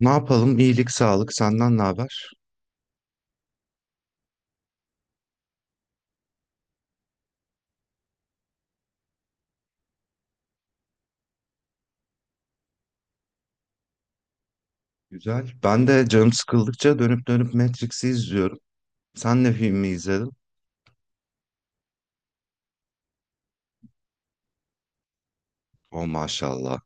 Ne yapalım? İyilik, sağlık. Senden ne haber? Güzel. Ben de canım sıkıldıkça dönüp dönüp Matrix'i izliyorum. Sen ne filmi izledin? Oh maşallah.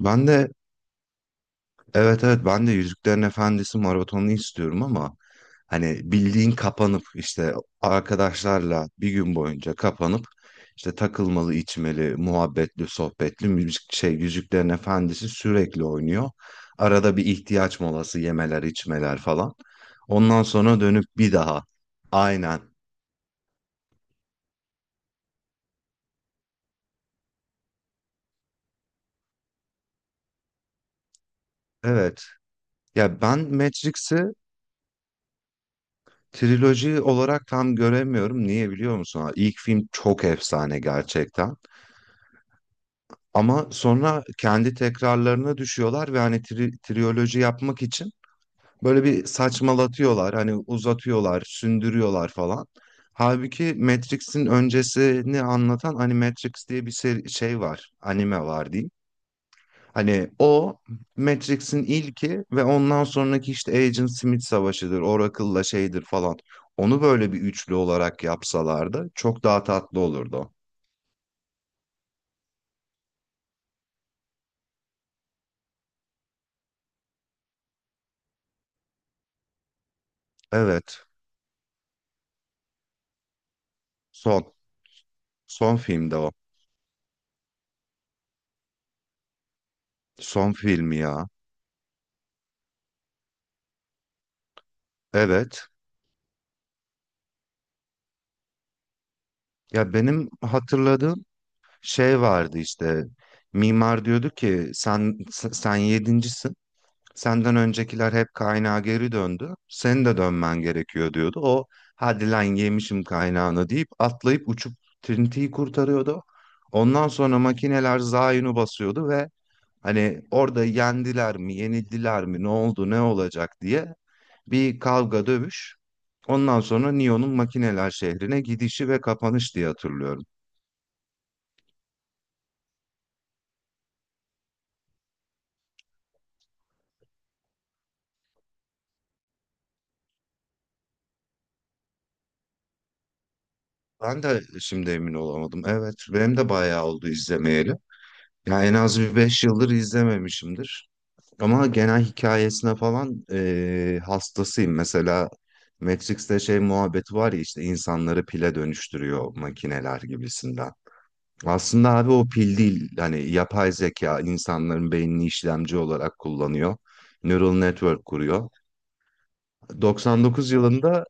Ben de evet evet ben de Yüzüklerin Efendisi maratonunu istiyorum ama hani bildiğin kapanıp işte arkadaşlarla bir gün boyunca kapanıp işte takılmalı, içmeli, muhabbetli, sohbetli müzik şey Yüzüklerin Efendisi sürekli oynuyor. Arada bir ihtiyaç molası yemeler, içmeler falan. Ondan sonra dönüp bir daha. Aynen. Evet. Ya ben Matrix'i triloji olarak tam göremiyorum. Niye biliyor musun? İlk film çok efsane gerçekten. Ama sonra kendi tekrarlarına düşüyorlar ve hani triyoloji yapmak için böyle bir saçmalatıyorlar. Hani uzatıyorlar, sündürüyorlar falan. Halbuki Matrix'in öncesini anlatan hani Matrix diye bir şey var, anime var diyeyim. Hani o Matrix'in ilki ve ondan sonraki işte Agent Smith savaşıdır, Oracle'la şeydir falan. Onu böyle bir üçlü olarak yapsalardı çok daha tatlı olurdu. Evet, son. Son filmde o. Son filmi ya. Evet. Ya benim hatırladığım şey vardı işte. Mimar diyordu ki sen yedincisin. Senden öncekiler hep kaynağa geri döndü. Senin de dönmen gerekiyor diyordu. O hadi lan yemişim kaynağını deyip atlayıp uçup Trinity'yi kurtarıyordu. Ondan sonra makineler Zion'u basıyordu ve hani orada yendiler mi, yenildiler mi, ne oldu, ne olacak diye bir kavga dövüş. Ondan sonra Neo'nun makineler şehrine gidişi ve kapanış diye hatırlıyorum. Ben de şimdi emin olamadım. Evet, benim de bayağı oldu izlemeyeli. Ya en az bir 5 yıldır izlememişimdir. Ama genel hikayesine falan hastasıyım. Mesela Matrix'te şey muhabbeti var ya işte insanları pile dönüştürüyor makineler gibisinden. Aslında abi o pil değil. Hani yapay zeka insanların beynini işlemci olarak kullanıyor. Neural network kuruyor. 99 yılında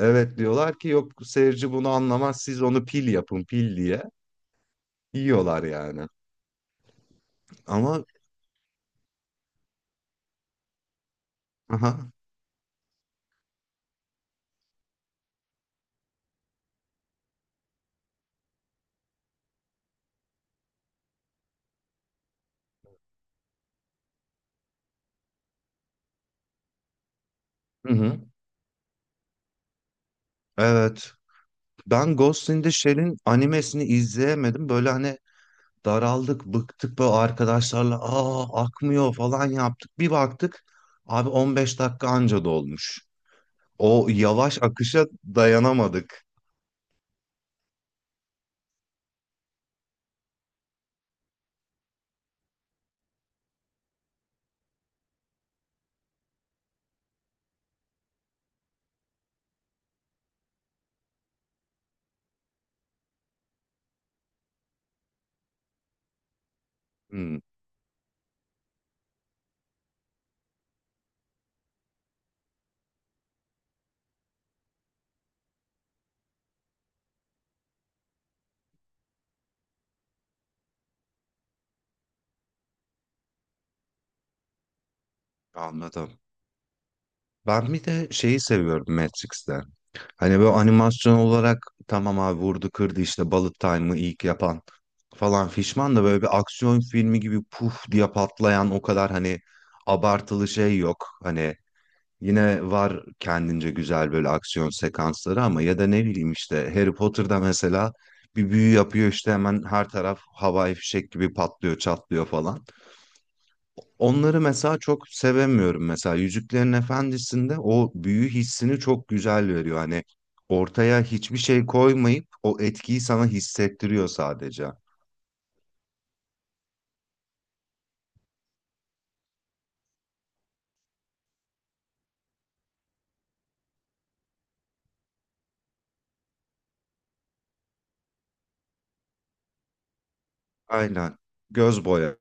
evet diyorlar ki yok seyirci bunu anlamaz siz onu pil yapın pil diye. Yiyorlar yani. Ama aha. Hı hı. Evet. Ben Ghost in the Shell'in animesini izleyemedim. Böyle hani daraldık, bıktık böyle arkadaşlarla akmıyor falan yaptık. Bir baktık abi 15 dakika anca dolmuş. O yavaş akışa dayanamadık. Hmm, anladım. Ben bir de şeyi seviyorum Matrix'te. Hani böyle animasyon olarak tamam abi vurdu kırdı işte Bullet Time'ı ilk yapan falan fişman da böyle bir aksiyon filmi gibi puf diye patlayan o kadar hani abartılı şey yok. Hani yine var kendince güzel böyle aksiyon sekansları ama ya da ne bileyim işte Harry Potter'da mesela bir büyü yapıyor işte hemen her taraf havai fişek gibi patlıyor, çatlıyor falan. Onları mesela çok sevemiyorum mesela Yüzüklerin Efendisi'nde o büyü hissini çok güzel veriyor. Hani ortaya hiçbir şey koymayıp o etkiyi sana hissettiriyor sadece. Aynen. Göz boya.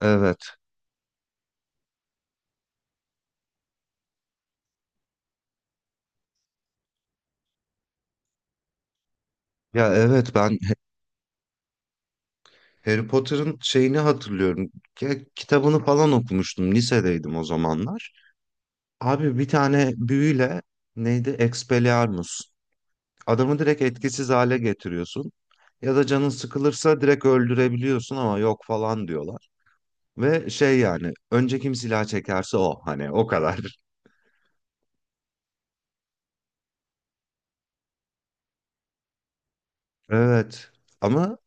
Evet. Ya evet ben Harry Potter'ın şeyini hatırlıyorum. Ya, kitabını falan okumuştum. Lisedeydim o zamanlar. Abi bir tane büyüyle neydi? Expelliarmus. Adamı direkt etkisiz hale getiriyorsun. Ya da canın sıkılırsa direkt öldürebiliyorsun ama yok falan diyorlar. Ve şey yani önce kim silah çekerse o hani o kadar. Evet ama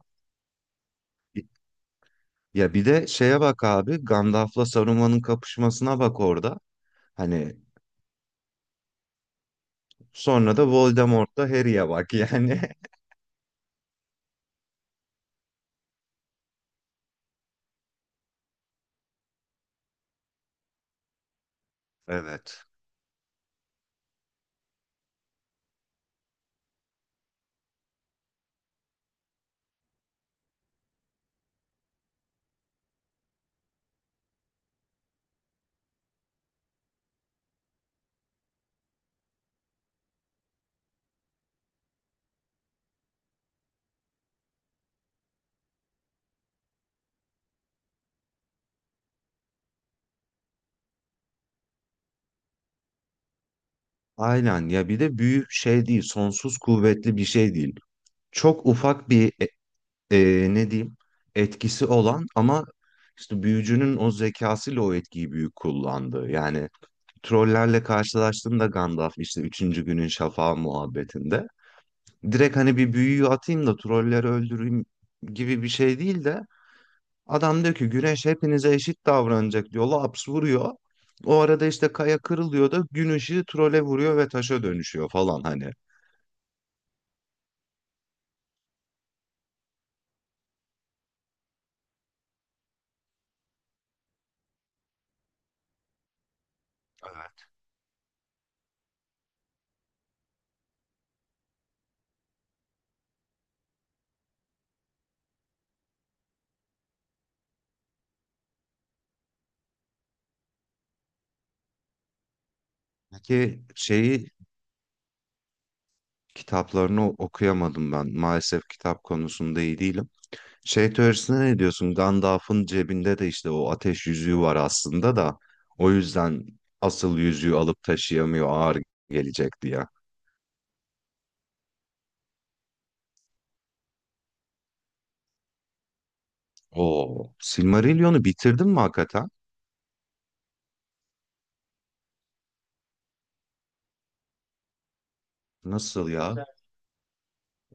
ya bir de şeye bak abi Gandalf'la Saruman'ın kapışmasına bak orada. Hani sonra da Voldemort'la Harry'e bak yani. Evet. Aynen ya bir de büyük şey değil, sonsuz kuvvetli bir şey değil. Çok ufak bir ne diyeyim etkisi olan ama işte büyücünün o zekasıyla o etkiyi büyük kullandı. Yani trollerle karşılaştığında Gandalf işte üçüncü günün şafağı muhabbetinde direkt hani bir büyüyü atayım da trolleri öldüreyim gibi bir şey değil de adam diyor ki güneş hepinize eşit davranacak diyor. Laps vuruyor. O arada işte kaya kırılıyor da gün ışığı trole vuruyor ve taşa dönüşüyor falan hani. Evet. Peki şeyi kitaplarını okuyamadım ben. Maalesef kitap konusunda iyi değilim. Şey teorisine ne diyorsun? Gandalf'ın cebinde de işte o ateş yüzüğü var aslında da o yüzden asıl yüzüğü alıp taşıyamıyor ağır gelecek diye. Oo, Silmarillion'u bitirdin mi hakikaten? Nasıl ya?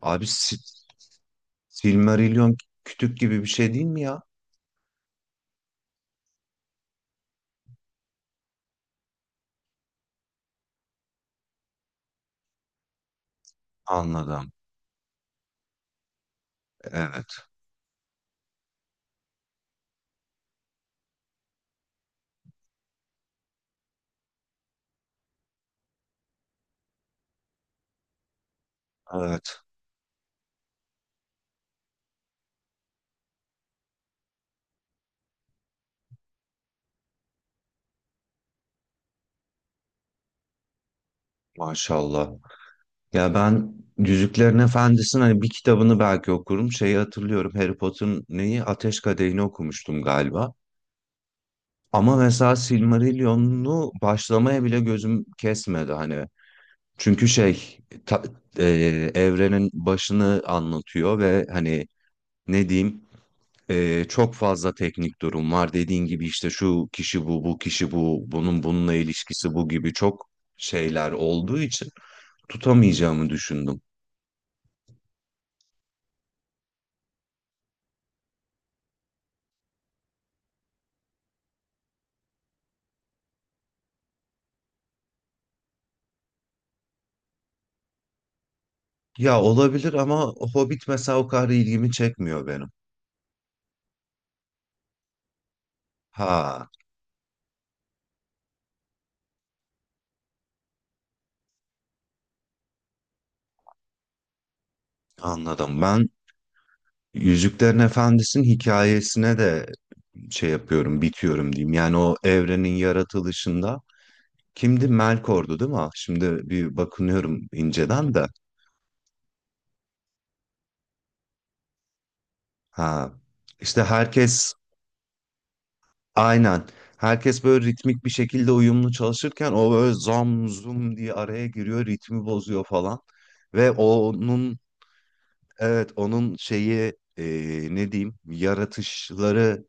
Abi Si- Silmarillion kütük gibi bir şey değil mi ya? Anladım. Evet. Evet. Maşallah. Ya ben Yüzüklerin Efendisi'nin hani bir kitabını belki okurum. Şeyi hatırlıyorum. Harry Potter'ın neyi? Ateş Kadehi'ni okumuştum galiba. Ama mesela Silmarillion'u başlamaya bile gözüm kesmedi hani. Çünkü şey ta- e, evrenin başını anlatıyor ve hani ne diyeyim çok fazla teknik durum var. Dediğin gibi işte şu kişi bu, bu kişi bu, bunun bununla ilişkisi bu gibi çok şeyler olduğu için tutamayacağımı düşündüm. Ya olabilir ama Hobbit mesela o kadar ilgimi çekmiyor benim. Ha anladım. Ben Yüzüklerin Efendisi'nin hikayesine de şey yapıyorum, bitiyorum diyeyim. Yani o evrenin yaratılışında kimdi? Melkor'du değil mi? Ah, şimdi bir bakınıyorum inceden de. Ha işte herkes aynen. Herkes böyle ritmik bir şekilde uyumlu çalışırken o böyle zam zum diye araya giriyor, ritmi bozuyor falan. Ve onun evet, onun şeyi ne diyeyim yaratışları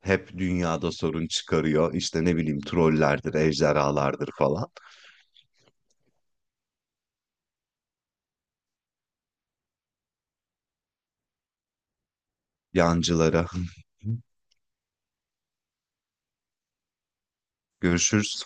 hep dünyada sorun çıkarıyor. İşte ne bileyim trollerdir, ejderhalardır falan. Yancılara. Görüşürüz.